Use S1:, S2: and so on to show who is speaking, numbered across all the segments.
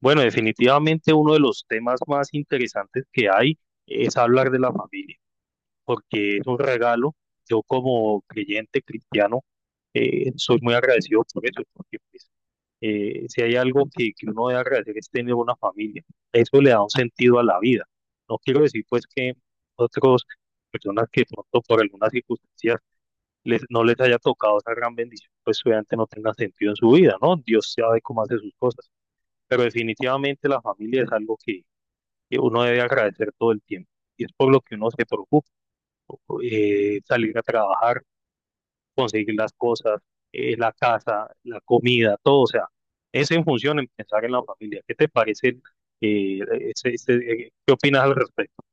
S1: Bueno, definitivamente uno de los temas más interesantes que hay es hablar de la familia, porque es un regalo. Yo como creyente cristiano soy muy agradecido por eso, porque pues, si hay algo que uno debe agradecer es tener una familia. Eso le da un sentido a la vida. No quiero decir pues que otras personas que pronto por algunas circunstancias no les haya tocado esa gran bendición, pues obviamente no tenga sentido en su vida, ¿no? Dios sabe cómo hace sus cosas, pero definitivamente la familia es algo que uno debe agradecer todo el tiempo, y es por lo que uno se preocupa: salir a trabajar, conseguir las cosas, la casa, la comida, todo. O sea, es en función en pensar en la familia. ¿Qué te parece? eh, ¿qué opinas al respecto?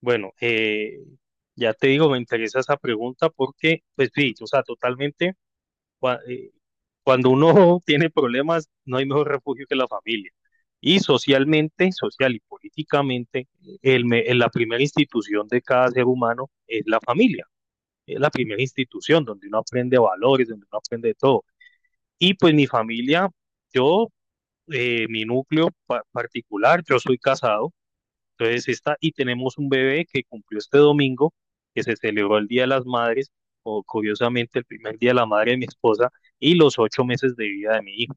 S1: Bueno, ya te digo, me interesa esa pregunta porque, pues sí, o sea, totalmente. Cuando uno tiene problemas, no hay mejor refugio que la familia. Y socialmente, social y políticamente, la primera institución de cada ser humano es la familia. Es la primera institución donde uno aprende valores, donde uno aprende de todo. Y pues mi familia, yo, mi núcleo particular, yo soy casado. Entonces está, y tenemos un bebé que cumplió este domingo, que se celebró el Día de las Madres, o curiosamente el primer Día de la Madre de mi esposa, y los 8 meses de vida de mi hijo.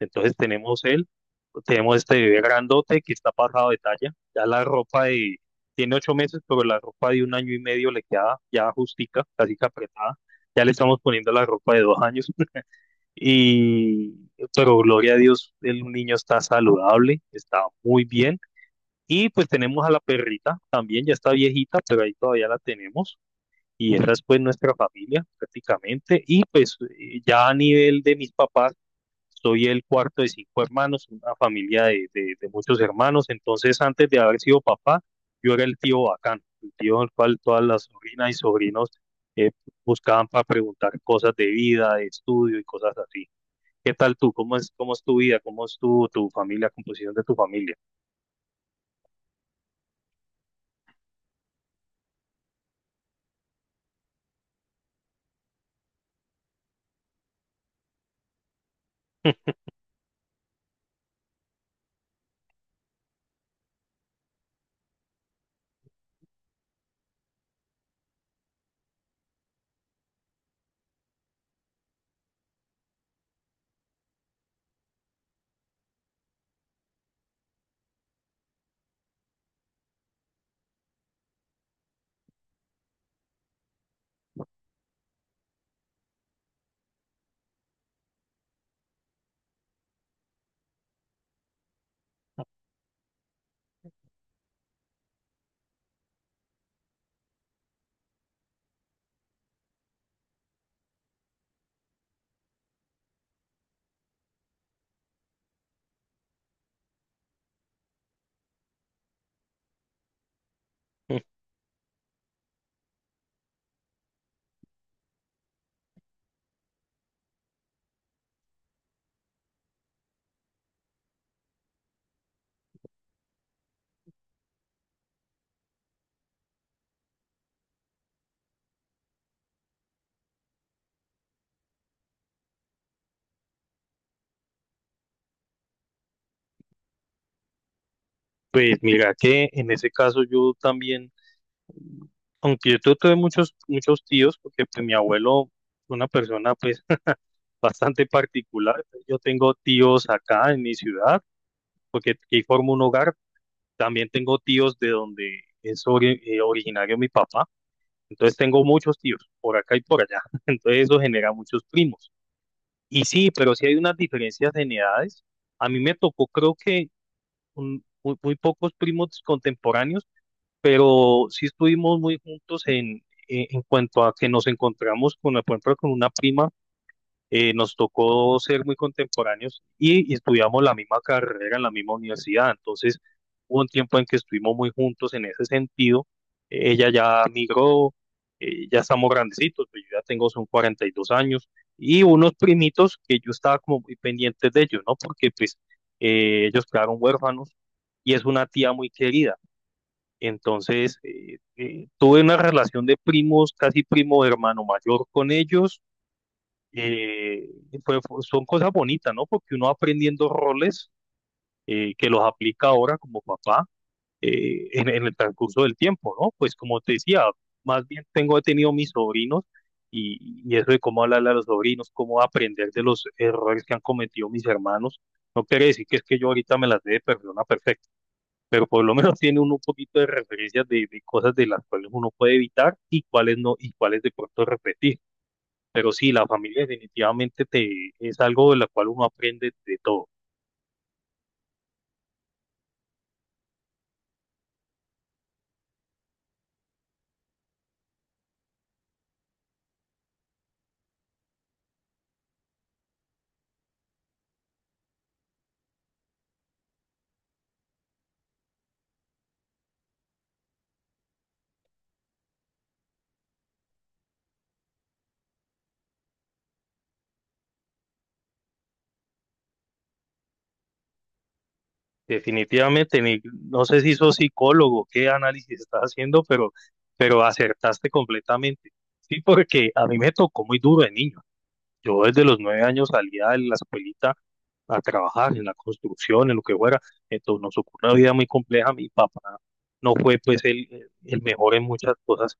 S1: Entonces tenemos este bebé grandote que está pasado de talla. Ya la ropa de, tiene 8 meses, pero la ropa de un año y medio le queda ya justica, casi que apretada. Ya le estamos poniendo la ropa de 2 años. Y, pero gloria a Dios, el niño está saludable, está muy bien. Y pues tenemos a la perrita también, ya está viejita, pero ahí todavía la tenemos. Y esa es pues nuestra familia prácticamente. Y pues ya a nivel de mis papás, soy el cuarto de cinco hermanos, una familia de muchos hermanos. Entonces, antes de haber sido papá, yo era el tío bacán, el tío al cual todas las sobrinas y sobrinos eh, buscaban para preguntar cosas de vida, de estudio y cosas así. ¿Qué tal tú? ¿Cómo es tu vida? ¿Cómo es tu familia, composición de tu familia? Pues mira que en ese caso yo también, aunque yo tuve muchos, muchos tíos, porque pues, mi abuelo fue una persona pues bastante particular. Yo tengo tíos acá en mi ciudad, porque aquí formo un hogar. También tengo tíos de donde es originario mi papá. Entonces tengo muchos tíos por acá y por allá. Entonces eso genera muchos primos. Y sí, pero sí hay unas diferencias en edades. A mí me tocó, creo que muy, muy pocos primos contemporáneos, pero sí estuvimos muy juntos en cuanto a que nos encontramos con, por ejemplo, con una prima. Nos tocó ser muy contemporáneos, y estudiamos la misma carrera en la misma universidad. Entonces, hubo un tiempo en que estuvimos muy juntos en ese sentido. Ella ya migró, ya estamos grandecitos, pues yo ya tengo son 42 años, y unos primitos que yo estaba como muy pendiente de ellos, ¿no? Porque pues ellos quedaron huérfanos y es una tía muy querida. Entonces, tuve una relación de primos, casi primo hermano mayor con ellos. eh, Son cosas bonitas, ¿no? Porque uno va aprendiendo roles que los aplica ahora como papá en el transcurso del tiempo, ¿no? Pues como te decía, más bien he tenido mis sobrinos, y eso de cómo hablarle a los sobrinos, cómo aprender de los errores que han cometido mis hermanos. No quiere decir que es que yo ahorita me las dé de persona perfecta, pero por lo menos tiene uno un poquito de referencias de- cosas de las cuales uno puede evitar y cuáles no, y cuáles de pronto repetir. Pero sí, la familia definitivamente te, es algo de la cual uno aprende de todo. Definitivamente, no sé si sos psicólogo, qué análisis estás haciendo, pero acertaste completamente. Sí, porque a mí me tocó muy duro de niño. Yo desde los 9 años salía de la escuelita a trabajar en la construcción, en lo que fuera. Entonces nos ocurrió una vida muy compleja. Mi papá no fue pues el mejor en muchas cosas.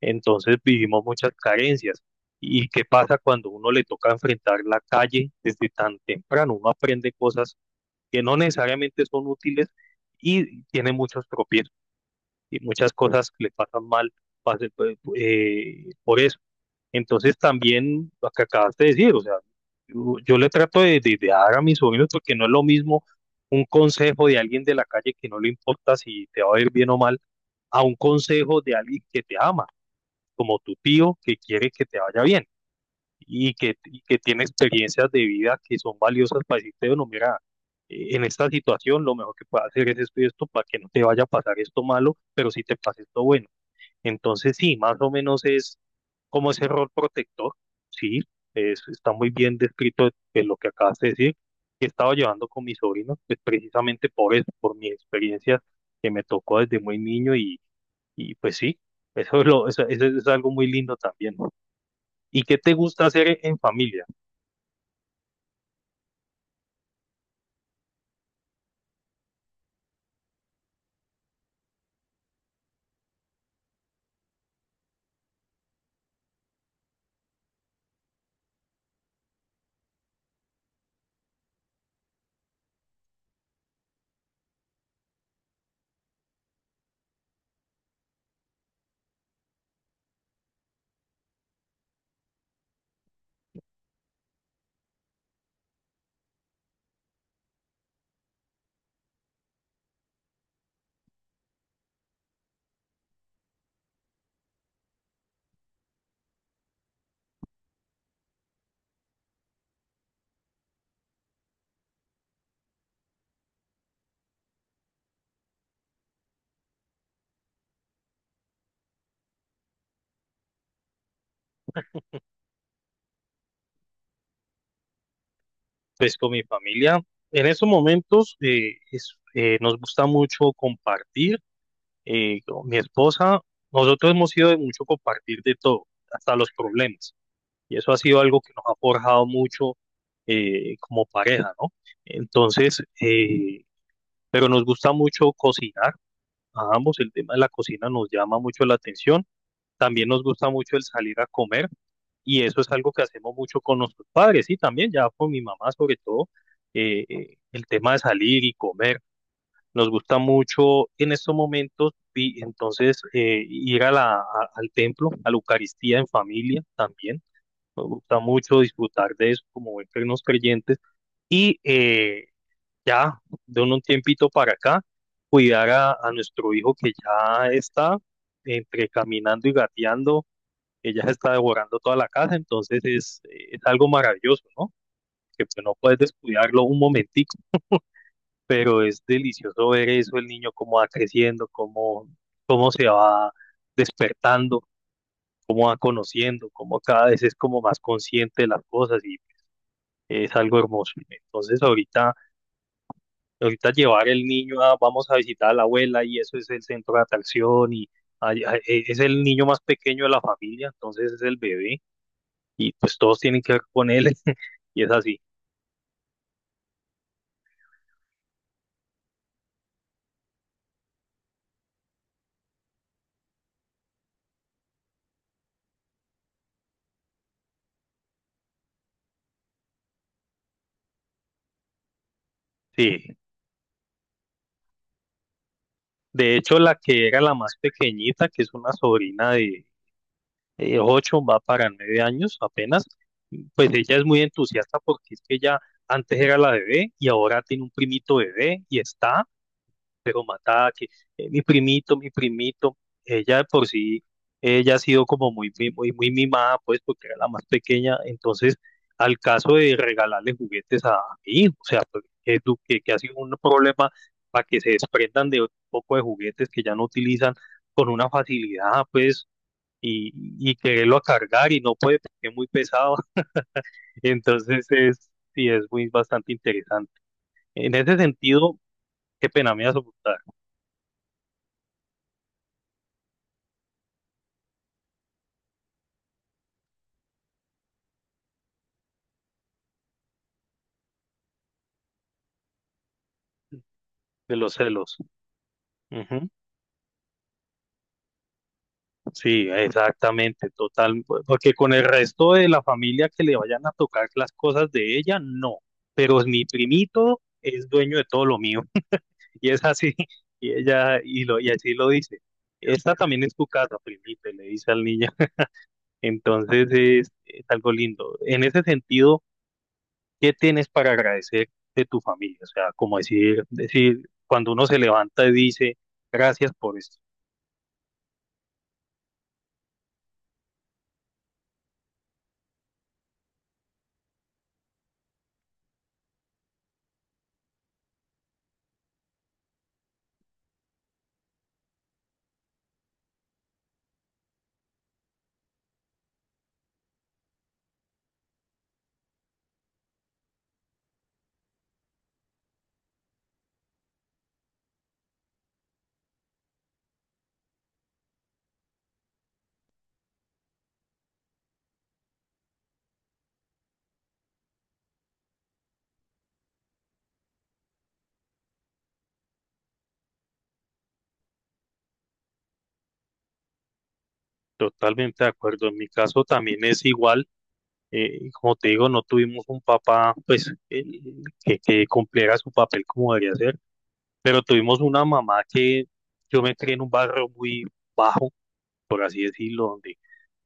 S1: Entonces vivimos muchas carencias. ¿Y qué pasa cuando uno le toca enfrentar la calle desde tan temprano? Uno aprende cosas que no necesariamente son útiles, y tiene muchos tropiezos y muchas cosas que le pasan mal pues, por eso. Entonces también lo que acabaste de decir, o sea, yo le trato de dar a mis sobrinos, porque no es lo mismo un consejo de alguien de la calle que no le importa si te va a ir bien o mal, a un consejo de alguien que te ama como tu tío, que quiere que te vaya bien y que tiene experiencias de vida que son valiosas para decirte: bueno, mira, en esta situación lo mejor que puedes hacer es esto y esto, para que no te vaya a pasar esto malo, pero sí te pase esto bueno. Entonces, sí, más o menos es como ese rol protector. Sí, es, está muy bien descrito en lo que acabas de decir, que he estado llevando con mis sobrinos, pues precisamente por eso, por mis experiencias que me tocó desde muy niño. Y y pues sí, eso es algo muy lindo también, ¿no? ¿Y qué te gusta hacer en familia? Pues con mi familia, en estos momentos nos gusta mucho compartir. Con mi esposa, nosotros hemos sido de mucho compartir de todo, hasta los problemas. Y eso ha sido algo que nos ha forjado mucho como pareja, ¿no? Entonces, pero nos gusta mucho cocinar. A ambos el tema de la cocina nos llama mucho la atención. También nos gusta mucho el salir a comer. Y eso es algo que hacemos mucho con nuestros padres, y también ya con mi mamá sobre todo, el tema de salir y comer. Nos gusta mucho en estos momentos, y entonces ir a al templo, a la Eucaristía en familia también. Nos gusta mucho disfrutar de eso como buenos creyentes, y eh, ya de un tiempito para acá cuidar a nuestro hijo que ya está entre caminando y gateando. Ella se está devorando toda la casa. Entonces es algo maravilloso, ¿no? Que pues no puedes descuidarlo un momentico, pero es delicioso ver eso, el niño cómo va creciendo, cómo, cómo se va despertando, cómo va conociendo, cómo cada vez es como más consciente de las cosas, y es algo hermoso. Entonces ahorita, ahorita llevar el niño a, vamos a visitar a la abuela, y eso es el centro de atracción, y es el niño más pequeño de la familia, entonces es el bebé, y pues todos tienen que ver con él. Y es así, sí. De hecho, la que era la más pequeñita, que es una sobrina de ocho, va para 9 años apenas, pues ella es muy entusiasta, porque es que ella antes era la bebé y ahora tiene un primito bebé y está pero matada, que mi primito, ella de por sí, ella ha sido como muy mimada, pues, porque era la más pequeña. Entonces, al caso de regalarle juguetes a mi hijo, o sea, pues, que ha sido un problema para que se desprendan de un poco de juguetes que ya no utilizan con una facilidad, pues, y, y quererlo a cargar y no puede porque es muy pesado, entonces es, sí, es muy bastante interesante. En ese sentido, qué pena me vas a. De los celos. Ujú. Sí, exactamente, total, porque con el resto de la familia que le vayan a tocar las cosas de ella, no, pero mi primito es dueño de todo lo mío, y es así, y ella, y, lo, y así lo dice. Esta también es tu casa, primito, y le dice al niño. Entonces es algo lindo. En ese sentido, ¿qué tienes para agradecer de tu familia? O sea, como decir, decir, cuando uno se levanta y dice: gracias por esto. Totalmente de acuerdo. En mi caso también es igual. Y como te digo, no tuvimos un papá pues que cumpliera su papel como debería ser, pero tuvimos una mamá que yo me crié en un barrio muy bajo, por así decirlo, donde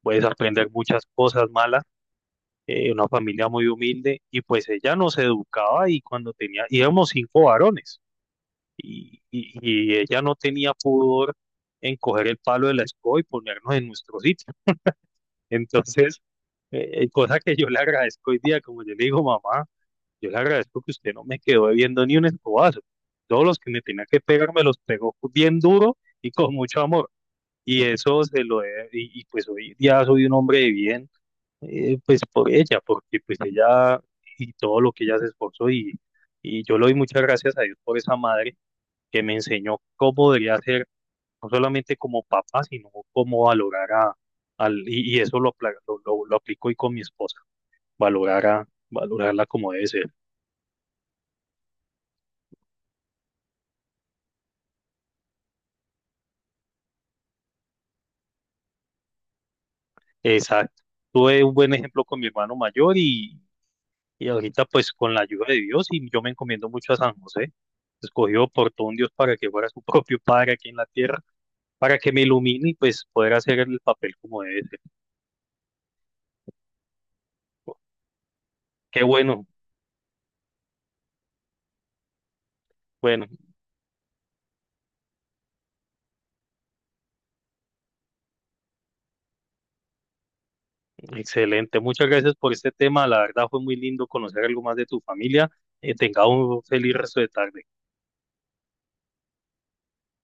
S1: puedes aprender muchas cosas malas. Una familia muy humilde, y pues ella nos educaba, y cuando tenía, íbamos cinco varones, y, y, y ella no tenía pudor en coger el palo de la escoba y ponernos en nuestro sitio. Entonces, cosa que yo le agradezco hoy día, como yo le digo: mamá, yo le agradezco que usted no me quedó debiendo ni un escobazo. Todos los que me tenía que pegar me los pegó bien duro y con mucho amor. Y eso se lo he- y Pues hoy día soy un hombre de bien, pues por ella, porque pues ella, y todo lo que ella se esforzó, y yo le doy muchas gracias a Dios por esa madre que me enseñó cómo debería ser, no solamente como papá, sino cómo valorar y eso lo, apla- lo aplico hoy con mi esposa, valorarla como debe ser. Exacto. Tuve un buen ejemplo con mi hermano mayor, y ahorita pues con la ayuda de Dios, y yo me encomiendo mucho a San José. Escogido por todo un Dios para que fuera su propio padre aquí en la tierra, para que me ilumine y pues poder hacer el papel como debe ser. Qué bueno, bueno, excelente. Muchas gracias por este tema. La verdad fue muy lindo conocer algo más de tu familia. Tenga un feliz resto de tarde.